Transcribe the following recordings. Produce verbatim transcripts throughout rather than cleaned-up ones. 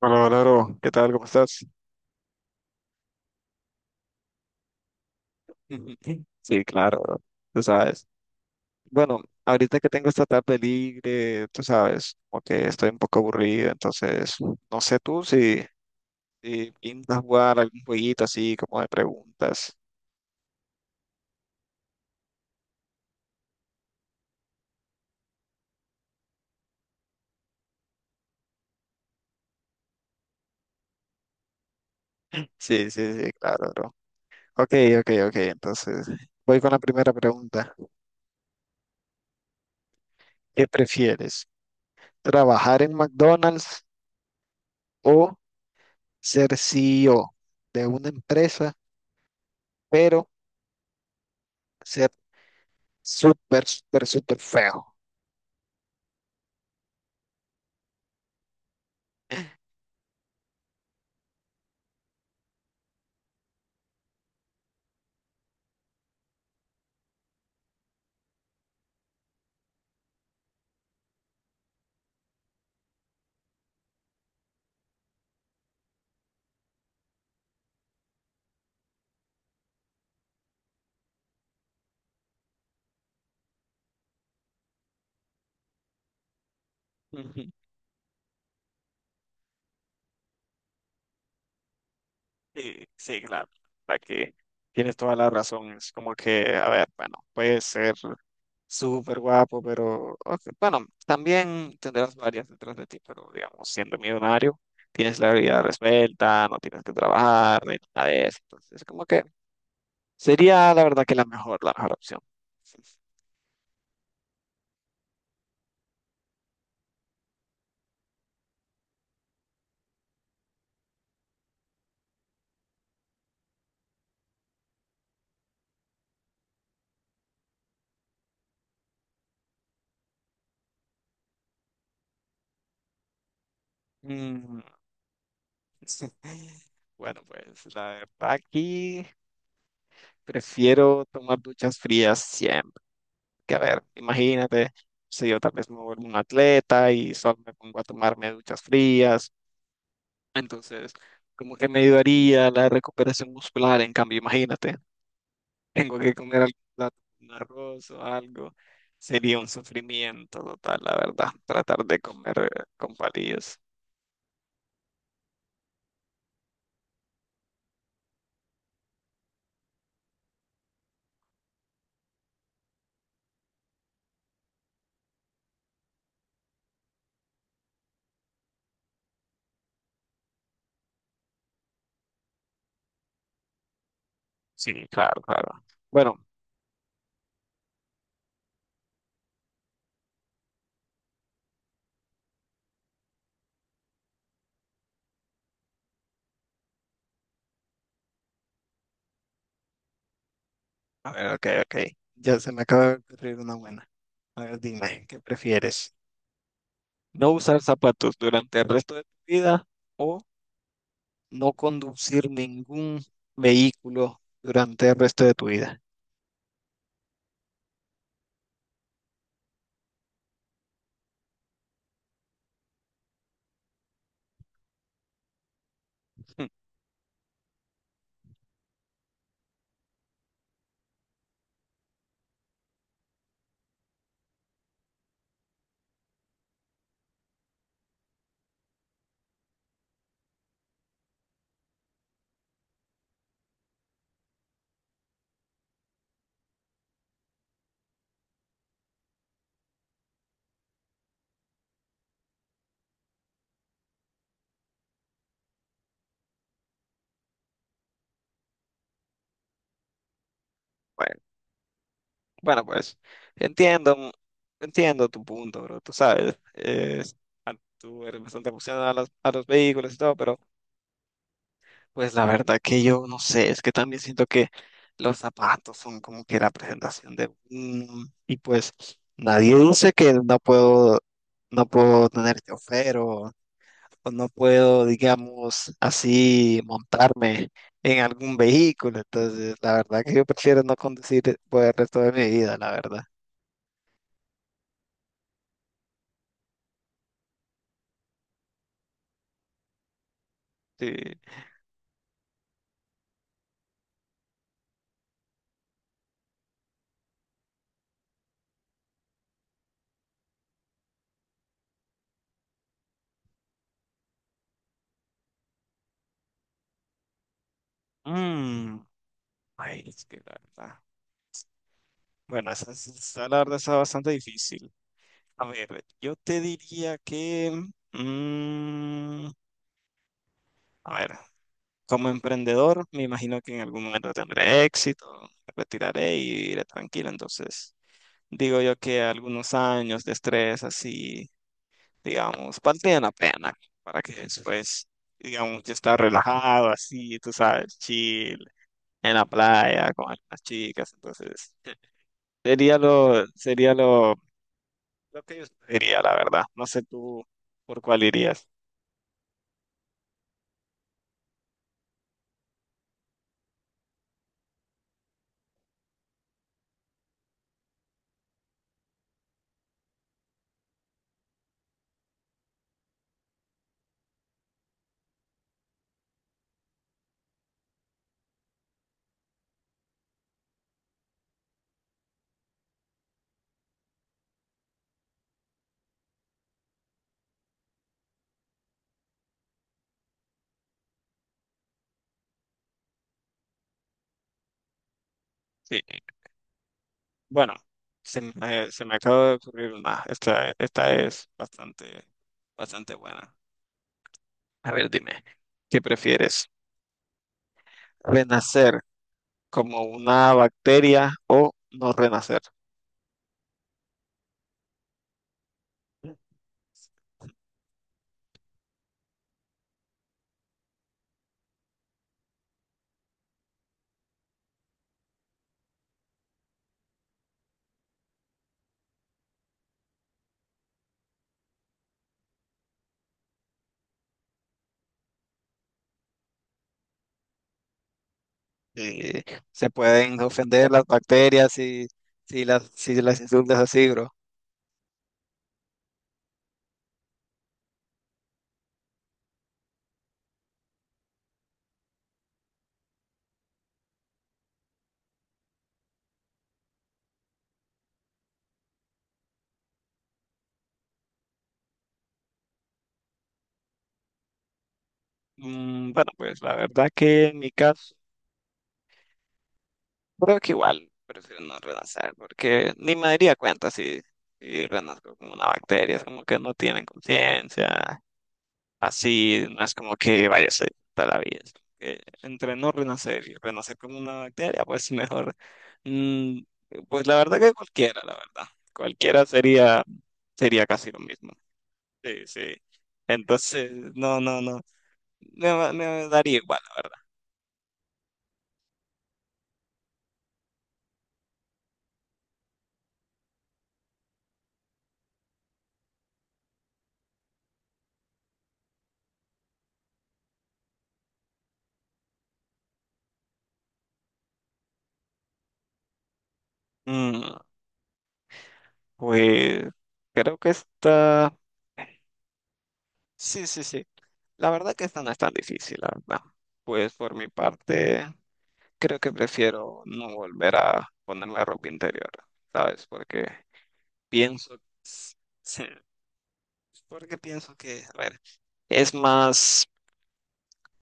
Hola, hola, bro. ¿Qué tal? ¿Cómo estás? Sí, claro, bro. Tú sabes. Bueno, ahorita que tengo esta tarde libre, tú sabes, como que estoy un poco aburrido, entonces no sé tú si, si pintas jugar algún jueguito así como de preguntas. Sí, sí, sí, claro, bro. Ok, ok, ok. Entonces voy con la primera pregunta. ¿Qué prefieres? ¿Trabajar en McDonald's o ser C E O de una empresa, pero ser súper, súper, súper feo? Ujú. Sí, sí, claro, la que tienes toda la razón. Es como que, a ver, bueno, puede ser súper guapo, pero ok, bueno, también tendrás varias detrás de ti, pero digamos, siendo millonario, tienes la vida resuelta, no tienes que trabajar, ni nada de eso. Entonces, es como que sería la verdad que la mejor, la mejor opción. Mm. Bueno, pues la verdad aquí prefiero tomar duchas frías siempre. Que a ver, imagínate, si yo tal vez me vuelvo un atleta y solo me pongo a tomarme duchas frías, entonces como que me ayudaría la recuperación muscular, en cambio, imagínate, tengo que comer algún plato, un arroz o algo, sería un sufrimiento total, la verdad, tratar de comer eh, con palillos. Sí, claro, claro. Bueno, a ver, ok, ok, ya se me acaba de ocurrir una buena. A ver, dime, ¿qué prefieres? ¿No usar zapatos durante el resto de tu vida? O no conducir ningún vehículo durante el resto de tu vida. Hmm. Bueno, bueno, pues entiendo, mm, entiendo tu punto, bro. Tú sabes, es- tú eres bastante aficionado a los, a los vehículos y todo, pero pues la verdad que yo no sé, es que también siento que los zapatos son como que la presentación de uno, y pues nadie dice que no puedo, no puedo tener chofer o no puedo, digamos, así montarme en algún vehículo. Entonces, la verdad que yo prefiero no conducir por el resto de mi vida, la verdad. Sí. Mm, ay, es que la verdad. Bueno, esa, es- esa, la verdad está bastante difícil. A ver, yo te diría que, mm, a ver, como emprendedor, me imagino que en algún momento tendré éxito, me retiraré y iré tranquilo. Entonces, digo yo que algunos años de estrés así digamos, valdría la pena para que después, digamos, yo estar relajado así, tú sabes, chill, en la playa con las chicas, entonces sería lo, sería lo, lo que yo diría, la verdad. No sé tú por cuál irías. Sí, bueno, se me, se me acaba de ocurrir una, esta, esta es bastante, bastante buena. A ver, dime, ¿qué prefieres? ¿Renacer como una bacteria o no renacer? eh, Se pueden ofender las bacterias si, si las, si las insultas así, bro. Mm, bueno, pues la verdad que en mi caso, creo que igual prefiero no renacer, porque ni me daría cuenta si, si renazco como una bacteria, es como que no tienen conciencia, así, no es como que vaya a ser toda la vida. Es como que entre no renacer y renacer como una bacteria, pues mejor, mm, pues la verdad que cualquiera, la verdad, cualquiera sería, sería casi lo mismo. Sí, sí. Entonces, no, no, no. Me, va- me daría igual. Mm, pues creo que está... Sí, sí, sí. La verdad que esta no es tan difícil, la verdad. Pues por mi parte, creo que prefiero no volver a ponerme ropa interior, ¿sabes? Porque pienso... Sí, porque pienso que, a ver, es más...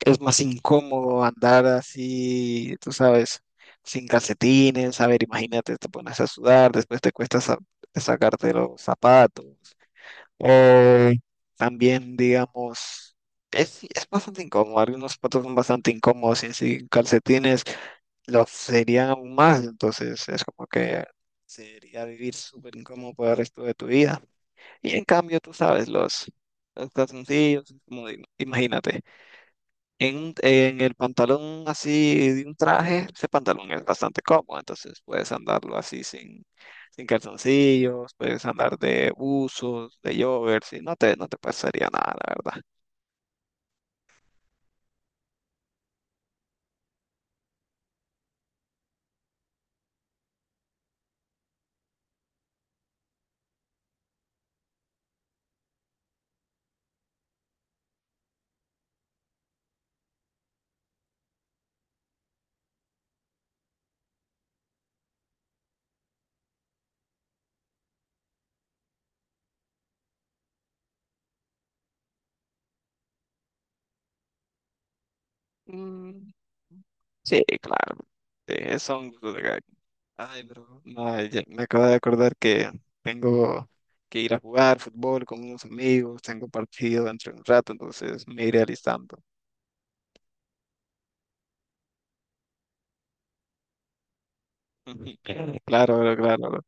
es más incómodo andar así, tú sabes, sin calcetines, a ver, imagínate, te pones a sudar, después te cuesta sa- sacarte los zapatos. O también, digamos, es, sí, es bastante incómodo, algunos zapatos son bastante incómodos y sin calcetines los serían aún más, entonces es como que sería vivir súper incómodo por el resto de tu vida. Y en cambio, tú sabes, los, los calzoncillos, como, digo, imagínate en, en el pantalón así de un traje, ese pantalón es bastante cómodo, entonces puedes andarlo así sin, sin calzoncillos, puedes andar de buzos, de joggers, y no te, no te pasaría nada, la verdad. Mm, sí, claro, eh, son... Ay, bro, no, ya me acabo de acordar que tengo que ir a jugar fútbol con unos amigos, tengo partido dentro de un rato, entonces me iré alistando. Claro, bro, claro,